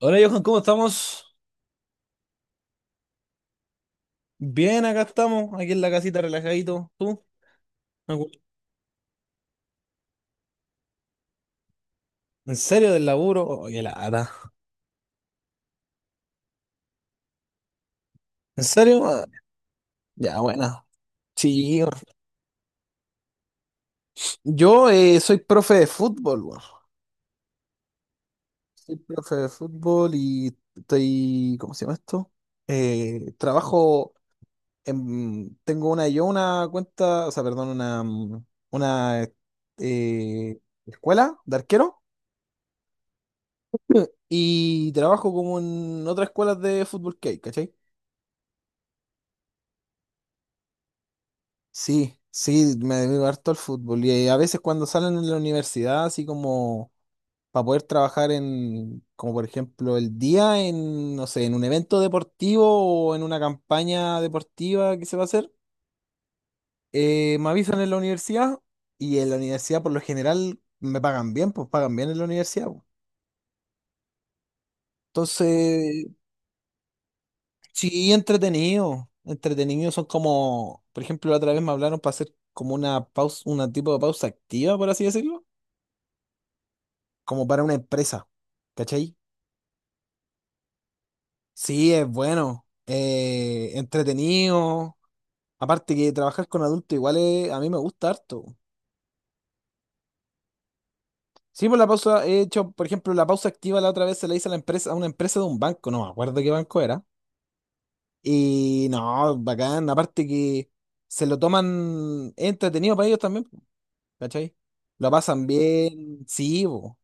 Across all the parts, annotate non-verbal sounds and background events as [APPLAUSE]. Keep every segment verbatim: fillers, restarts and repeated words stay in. Hola Johan, ¿cómo estamos? Bien, acá estamos, aquí en la casita relajadito. ¿Tú? Me acu- ¿En serio del laburo? Oye, la lata. ¿En serio? Ah, ya, buena. Sí, weón. yo eh, soy profe de fútbol, weón. Soy profe de fútbol y estoy, ¿cómo se llama esto? Eh, trabajo en, tengo una, yo una cuenta, o sea, perdón, una, mm, una eh, escuela de arquero [CLEARS THROAT] y trabajo como en otras escuelas de fútbol que hay, ¿cachai? Sí, sí, me dedico harto al fútbol y a veces cuando salen en la universidad, así como para poder trabajar en, como por ejemplo el día en, no sé, en un evento deportivo o en una campaña deportiva que se va a hacer, eh, me avisan en la universidad y en la universidad por lo general me pagan bien, pues pagan bien en la universidad, po. Entonces, sí, entretenido, entretenido son como, por ejemplo, la otra vez me hablaron para hacer como una pausa, una tipo de pausa activa, por así decirlo como para una empresa, ¿cachai? Sí, es bueno, eh, entretenido. Aparte que trabajar con adultos igual es- a mí me gusta harto. Sí, por la pausa he hecho, por ejemplo, la pausa activa la otra vez se la hice a la empresa, a una empresa de un banco, no me acuerdo qué banco era. Y no, bacán, aparte que se lo toman es entretenido para ellos también, po, ¿cachai? Lo pasan bien, sí, po,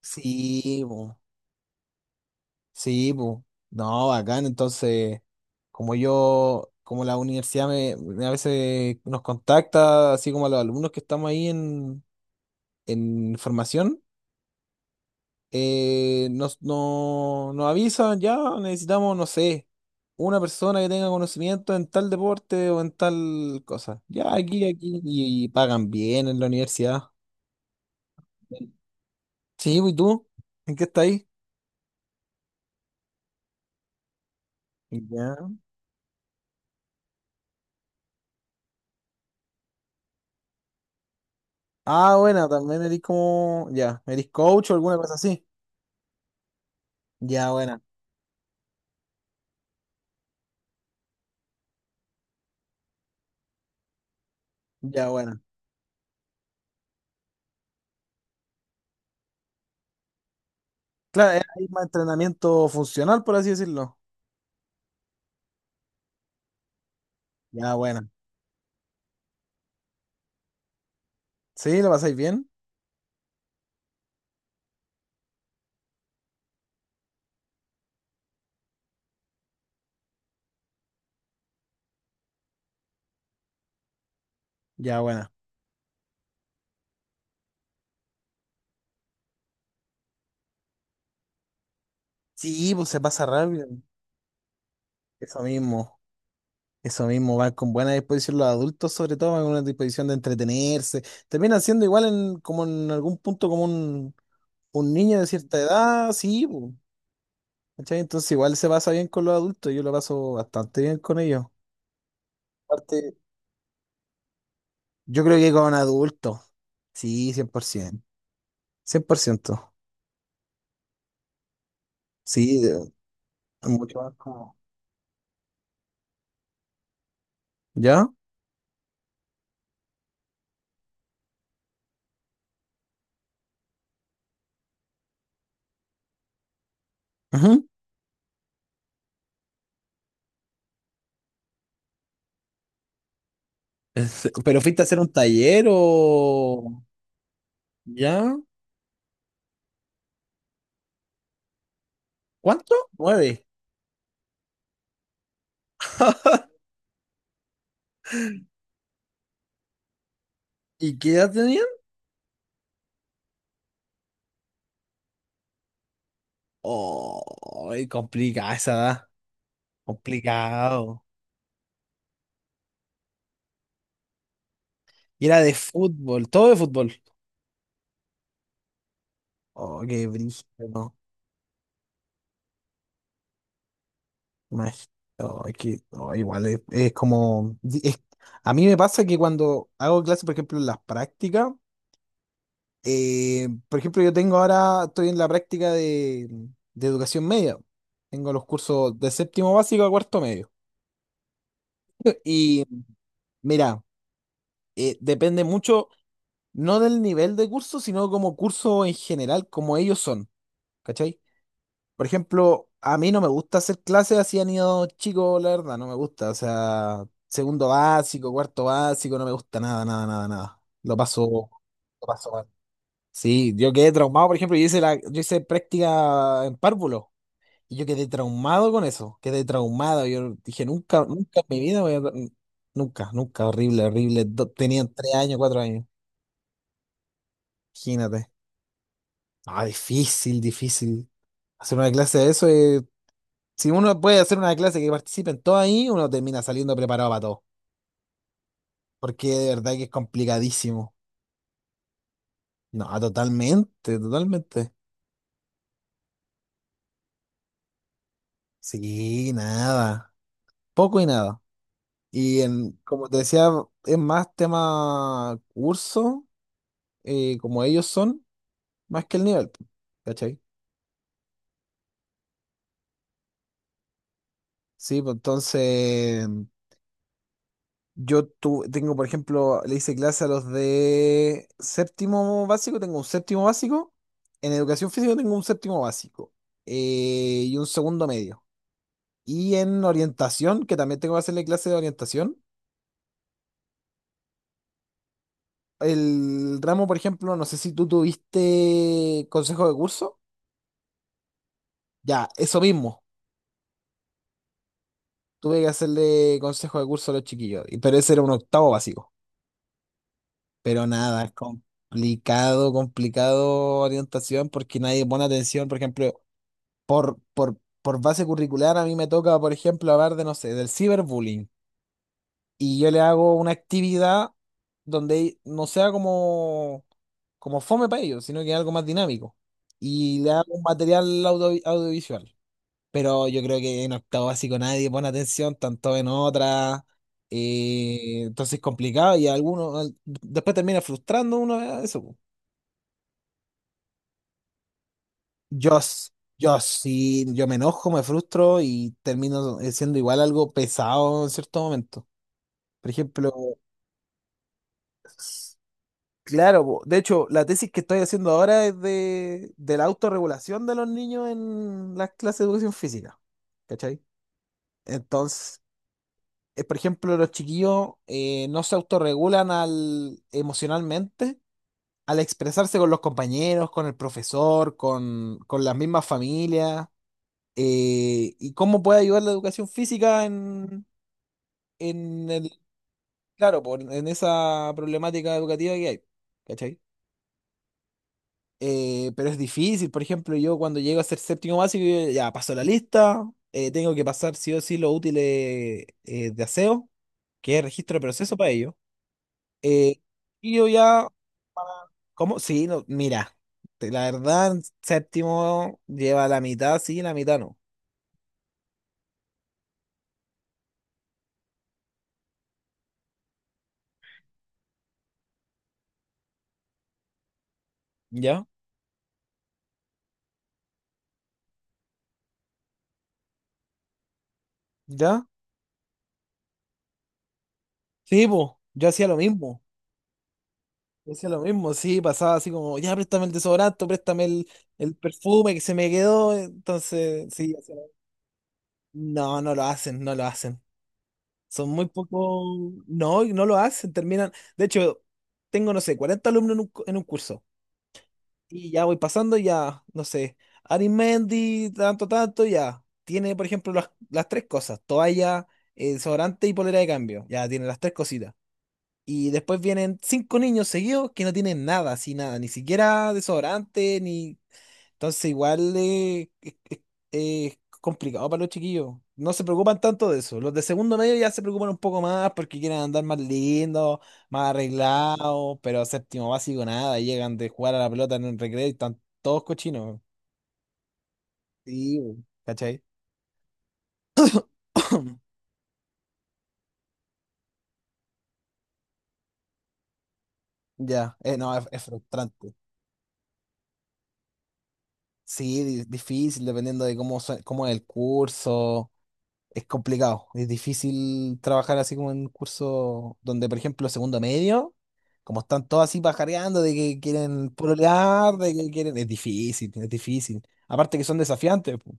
sí. Sí, pues. No, bacán. Entonces, como yo, como la universidad me, me a veces nos contacta, así como a los alumnos que estamos ahí en, en formación, eh, nos, no- nos avisan, ya necesitamos, no sé, una persona que tenga conocimiento en tal deporte o en tal cosa. Ya aquí, aquí, y, y pagan bien en la universidad. Sí, pues, ¿y tú? ¿En qué estás ahí? Ya. Ah, bueno, también eres como, ya, eres coach o alguna cosa así. Ya buena, ya buena. Claro, es ahí más entrenamiento funcional, por así decirlo. Ya buena. ¿Sí? ¿Lo pasáis bien? Ya buena. Sí, pues se pasa rápido. Eso mismo, eso mismo, van con buena disposición los adultos, sobre todo, van con una disposición de entretenerse. Terminan siendo igual en, como en algún punto como un, un niño de cierta edad, sí, pues, ¿cachai? Entonces igual se pasa bien con los adultos, yo lo paso bastante bien con ellos. Aparte, yo creo que con adultos, sí, cien cien por ciento, cien por ciento. Sí, mucho más como... ¿Ya? Ajá. Es- ¿Pero fuiste a hacer un taller o...? ¿Ya? ¿Cuánto? Nueve. ¿Y qué edad tenían? Oh, complicada esa edad. Complicado. Y era de fútbol, todo de fútbol. Oh, qué brígido. Imag- oh, que, oh, igual es, es como di- es- a mí me pasa que cuando hago clases, por ejemplo, en las prácticas. Eh, por ejemplo, yo tengo ahora, estoy en la práctica de, de educación media. Tengo los cursos de séptimo básico a cuarto medio. [LAUGHS] Y mira, eh, depende mucho, no del nivel de curso, sino como curso en general, como ellos son, ¿cachai? Por ejemplo, a mí no me gusta hacer clases así a niños chicos, la verdad, no me gusta. O sea, segundo básico, cuarto básico, no me gusta nada, nada, nada, nada. Lo paso, lo paso mal. Sí, yo quedé traumado, por ejemplo, yo hice la, yo hice práctica en párvulo y yo quedé traumado con eso, quedé traumado. Yo dije, nunca, nunca en mi vida voy a, nunca, nunca, horrible, horrible. Do- tenían tres años, cuatro años, imagínate. Ah, difícil, difícil. Hacer una clase de eso, eh, si uno puede hacer una clase que participen todos ahí, uno termina saliendo preparado para todo, porque de verdad que es complicadísimo. No, totalmente, totalmente. Sí, nada, poco y nada. Y en, como te decía, es más tema curso, eh, como ellos son, más que el nivel, po, ¿cachai? Sí, pues entonces yo tu, tengo, por ejemplo, le hice clase a los de séptimo básico, tengo un séptimo básico, en educación física tengo un séptimo básico eh, y un segundo medio. Y en orientación, que también tengo que hacerle clase de orientación, el ramo, por ejemplo, no sé si tú tuviste consejo de curso, ya, eso mismo. Tuve que hacerle consejo de curso a los chiquillos, y- pero ese era un octavo básico. Pero nada, es complicado, complicado orientación porque nadie pone atención, por ejemplo, por, por, por base curricular a mí me toca, por ejemplo, hablar de, no sé, del ciberbullying. Y yo le hago una actividad donde no sea como, como fome para ellos, sino que algo más dinámico. Y le hago un material audio- audiovisual. Pero yo creo que en octavo básico nadie pone atención, tanto en otra, y entonces es complicado y alguno al- después termina frustrando uno a eso, po. Yo, s- yo sí, yo me enojo, me frustro y termino siendo igual algo pesado en cierto momento. Por ejemplo, claro, po, de hecho, la tesis que estoy haciendo ahora es de, de la autorregulación de los niños en las clases de educación física. ¿Cachai? Entonces, eh, por ejemplo, los chiquillos eh, no se autorregulan al, emocionalmente al expresarse con los compañeros, con el profesor, con, con las mismas familias, eh, y cómo puede ayudar la educación física en, en el, claro, por- en esa problemática educativa que hay, ¿cachai? Eh, pero es difícil, por ejemplo, yo cuando llego a ser séptimo básico, yo ya paso la lista, eh, tengo que pasar sí o sí los útiles eh, de aseo, que es registro de proceso para ellos. Eh, y yo ya, ¿cómo? Sí, no, mira, te- la verdad, en séptimo lleva la mitad, sí, la mitad no. ¿Ya? ¿Ya? Sí, pues, yo hacía lo mismo. Yo hacía lo mismo, sí, pasaba así como, ya, préstame el desodorante, préstame el, el perfume que se me quedó. Entonces, sí, hacía lo- mismo. No, no lo hacen, no lo hacen. Son muy pocos, no, y no lo hacen, terminan. De hecho, tengo, no sé, cuarenta alumnos en un, cu- en un curso. Y ya voy pasando, ya, no sé, Mendy, tanto, tanto, ya. Tiene, por ejemplo, las, las tres cosas, toalla, eh, desodorante y polera de cambio. Ya tiene las tres cositas. Y después vienen cinco niños seguidos que no tienen nada, así nada, ni siquiera desodorante, ni entonces igual eh, es, es- es complicado para los chiquillos. No se preocupan tanto de eso. Los de segundo medio ya se preocupan un poco más porque quieren andar más lindos, más Mm. arreglados, pero séptimo básico nada, llegan de jugar a la pelota en un recreo y están todos cochinos. Sí, bu. ¿Cachai? [COUGHS] [CLEARS THROAT] Ya, eh, no, es, es frustrante. Sí, di- difícil dependiendo de cómo, sue- cómo es el curso. Es complicado, es difícil trabajar así como en un curso donde, por ejemplo, segundo medio, como están todos así pajareando de que quieren pololear, de que quieren... Es difícil, es difícil. Aparte que son desafiantes, po,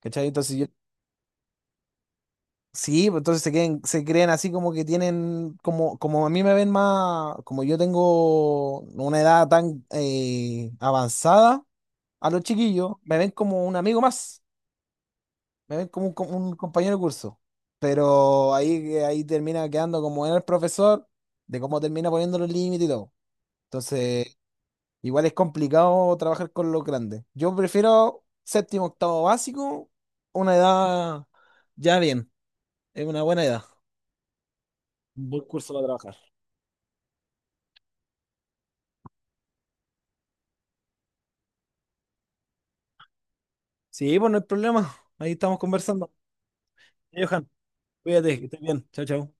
¿cachai? Entonces yo... Sí, pues entonces se creen, se creen así como que tienen, como, como a mí me ven más, como yo tengo una edad tan eh, avanzada, a los chiquillos me ven como un amigo más. Me ven como un, como un compañero de curso. Pero ahí, ahí termina quedando como en el profesor, de cómo termina poniendo los límites y todo. Entonces, igual es complicado trabajar con los grandes. Yo prefiero séptimo, octavo básico, una edad ya bien, es una buena edad. Un buen curso para trabajar. Sí, pues no hay problema. Ahí estamos conversando. Johan, cuídate, que estés bien. Chao, chao.